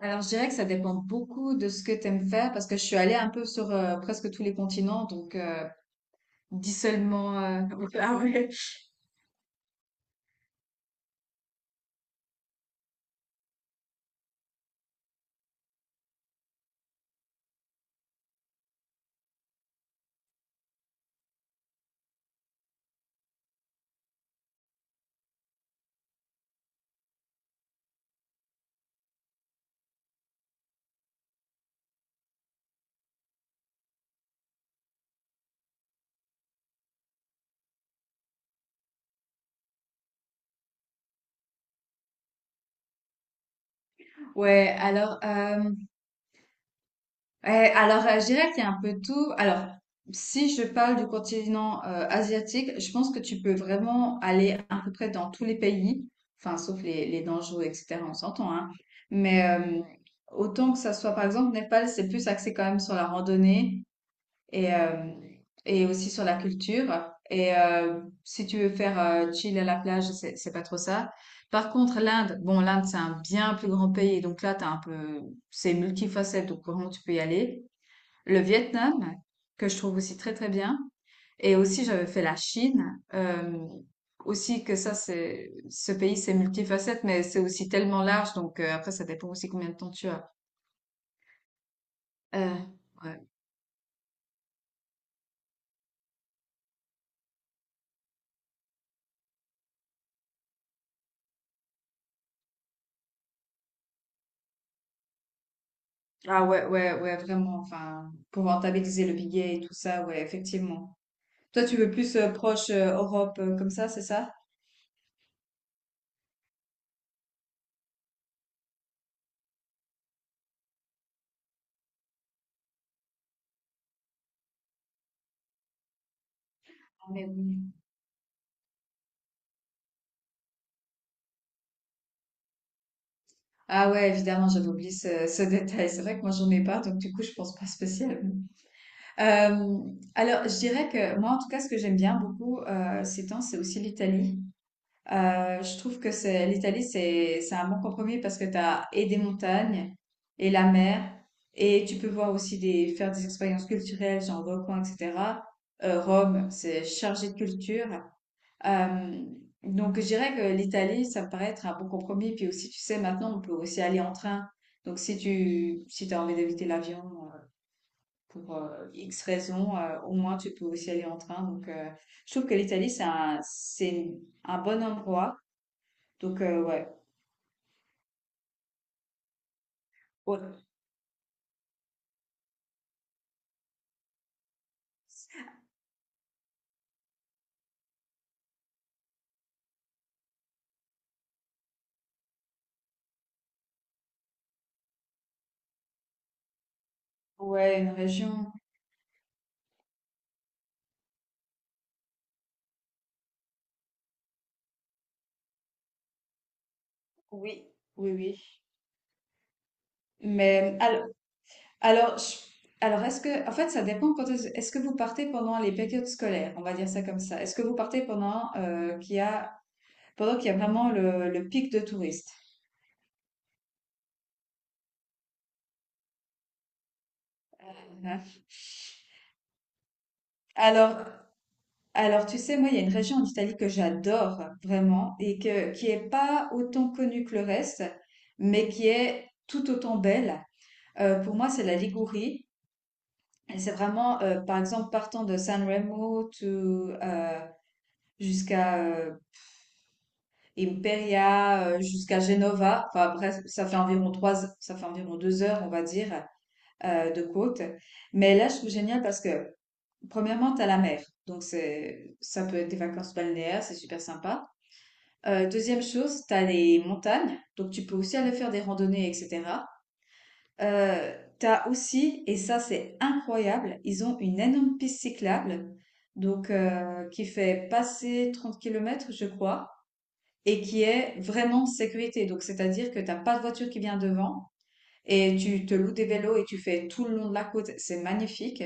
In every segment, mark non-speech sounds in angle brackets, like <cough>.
Alors, je dirais que ça dépend beaucoup de ce que tu aimes faire parce que je suis allée un peu sur presque tous les continents, dis seulement. <laughs> Ah ouais. Ouais, alors, euh, je dirais qu'il y a un peu tout. Alors, si je parle du continent asiatique, je pense que tu peux vraiment aller à peu près dans tous les pays, enfin, sauf les dangereux, etc., on s'entend, hein. Mais euh, Autant que ça soit, par exemple, Népal, c'est plus axé quand même sur la randonnée et, euh, et aussi sur la culture. Et si tu veux faire chill à la plage, c'est pas trop ça. Par contre, l'Inde, bon, l'Inde, c'est un bien plus grand pays, donc là, c'est multifacette, donc vraiment, tu peux y aller. Le Vietnam, que je trouve aussi très, très bien. Et aussi, j'avais fait la Chine. C'est ce pays, c'est multifacette, mais c'est aussi tellement large. Après, ça dépend aussi combien de temps tu as. Euh, ouais. Ah ouais, ouais, ouais, vraiment. Enfin, pour rentabiliser le billet et tout ça, ouais, effectivement. Toi, tu veux plus proche Europe comme ça, c'est ça? Ah mais oui. Ah ouais, évidemment, j'avais oublié ce <laughs> détail. C'est vrai que moi, j'en ai pas, donc du coup, je pense pas spécialement. Euh, alors, je dirais que moi, en tout cas, ce que j'aime bien beaucoup ces temps, c'est aussi l'Italie. Je trouve que c'est un bon compromis parce que tu as et des montagnes et la mer et tu peux voir aussi des faire des expériences culturelles, genre volcans, etc. Rome, c'est chargé de culture. Euh, donc je dirais que l'Italie, ça me paraît être un bon compromis. Puis aussi, tu sais, maintenant, on peut aussi aller en train. Donc si t'as envie d'éviter l'avion euh, pour X raisons, au moins tu peux aussi aller en train. Je trouve que l'Italie, c'est un bon endroit. Donc, ouais. Ouais. Ouais, une région. Oui. Oui, oui. Mais alors, alors, je- alors est-ce que, en fait, ça dépend quand est-ce que vous partez pendant les périodes scolaires, on va dire ça comme ça. Est-ce que vous partez pendant qu'il y a vraiment le pic de touristes? Hein. Alors, alors, tu sais, moi, il y a une région en Italie que j'adore vraiment et que, qui est pas autant connue que le reste, mais qui est tout autant belle. Pour moi, c'est la Ligurie. Et c'est vraiment, par exemple, partant de San Remo to, euh, jusqu'à Imperia, jusqu'à Genova. Enfin, bref, ça fait environ deux heures, on va dire, de côte. Mais là, je trouve génial parce que, premièrement, t'as la mer. Donc, ça peut être des vacances balnéaires, c'est super sympa. Deuxième chose, t'as les montagnes. Donc, tu peux aussi aller faire des randonnées, etc. Euh, T'as aussi, et ça c'est incroyable, ils ont une énorme piste cyclable, qui fait passer 30 kilomètres je crois, et qui est vraiment en sécurité. Donc c'est-à-dire que t'as pas de voiture qui vient devant, et tu te loues des vélos et tu fais tout le long de la côte, c'est magnifique.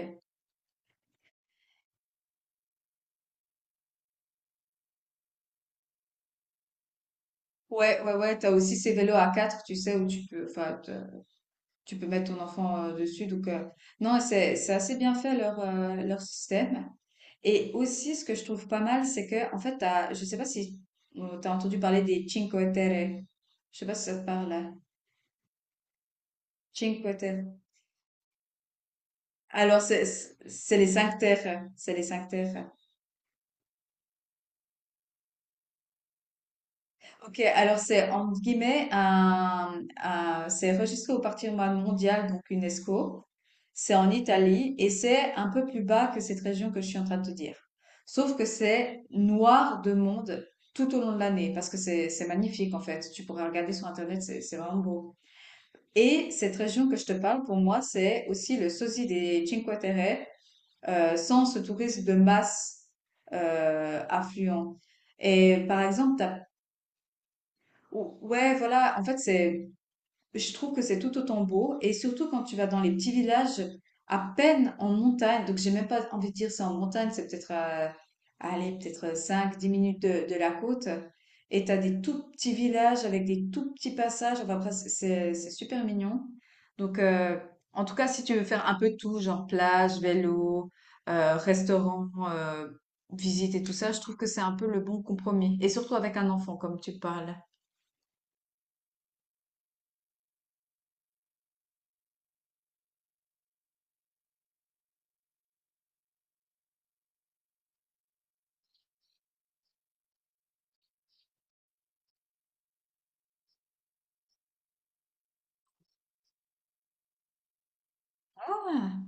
Ouais, ouais, ouais, t'as aussi ces vélos à 4 tu sais, où tu peux, tu peux mettre ton enfant dessus. Donc, non, c'est assez bien fait leur, leur système. Et aussi, ce que je trouve pas mal, c'est que, en fait, je sais pas si tu as entendu parler des Cinque Terre. Je sais pas si ça te parle, là. Cinque Terre. Alors, c'est les cinq terres. C'est les cinq terres. Ok, alors c'est, entre guillemets, c'est registré au patrimoine mondial, donc UNESCO. C'est en Italie et c'est un peu plus bas que cette région que je suis en train de te dire. Sauf que c'est noir de monde tout au long de l'année parce que c'est magnifique en fait. Tu pourrais regarder sur Internet, c'est vraiment beau. Et cette région que je te parle, pour moi, c'est aussi le sosie des Cinque Terre, sans ce tourisme de masse affluent. Et par exemple, ouais, voilà, en fait, c'est je trouve que c'est tout autant beau. Et surtout quand tu vas dans les petits villages, à peine en montagne, donc j'ai même pas envie de dire c'est en montagne, à aller peut-être cinq dix minutes de la côte. Et tu as des tout petits villages avec des tout petits passages. Enfin, après, c'est super mignon. Donc, en tout cas, si tu veux faire un peu tout, genre plage, vélo, restaurant, visite et tout ça, je trouve que c'est un peu le bon compromis. Et surtout avec un enfant, comme tu parles. Ah.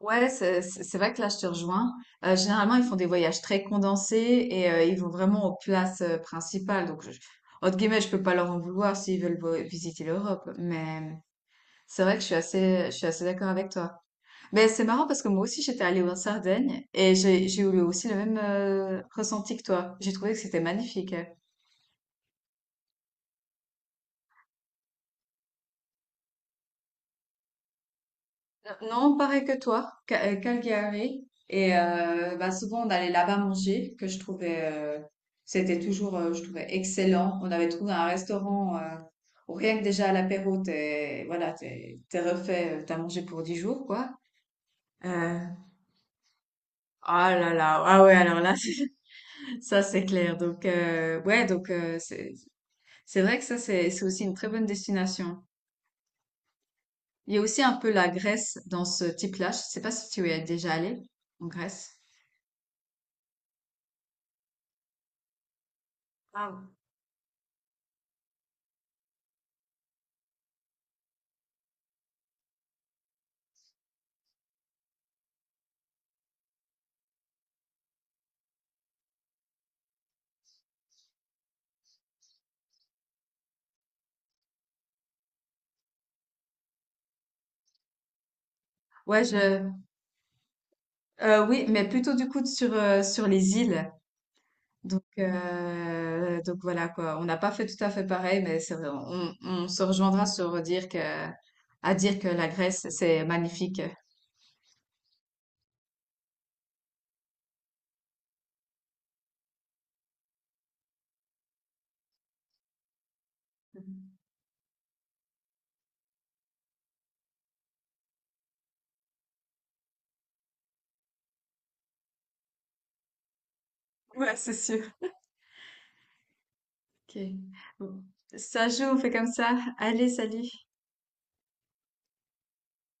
Ouais, c'est vrai que là, je te rejoins. Généralement, ils font des voyages très condensés et ils vont vraiment aux places principales. Donc, entre guillemets, je peux pas leur en vouloir s'ils veulent visiter l'Europe. Mais c'est vrai que je suis assez d'accord avec toi. Mais c'est marrant parce que moi aussi, j'étais allée en Sardaigne et j'ai eu aussi le même ressenti que toi. J'ai trouvé que c'était magnifique. Hein. Non, pareil que toi, Calgary. Et bah, souvent, on allait là-bas manger, c'était toujours, je trouvais excellent. On avait trouvé un restaurant où rien que déjà à l'apéro, t'es refait, t'as mangé pour 10 jours, quoi. Euh, ah là là, ah ouais, alors là, <laughs> ça c'est clair. Donc, ouais, c'est vrai que ça, c'est aussi une très bonne destination. Il y a aussi un peu la Grèce dans ce type-là. Je sais pas si tu y es déjà allé en Grèce. Ouais, je, oui, mais plutôt du coup sur, sur les îles. Donc voilà quoi. On n'a pas fait tout à fait pareil, mais c'est vrai, on se rejoindra à dire que la Grèce, c'est magnifique. Ouais, c'est sûr. Ok. Bon. Ça joue, on fait comme ça. Allez, salut.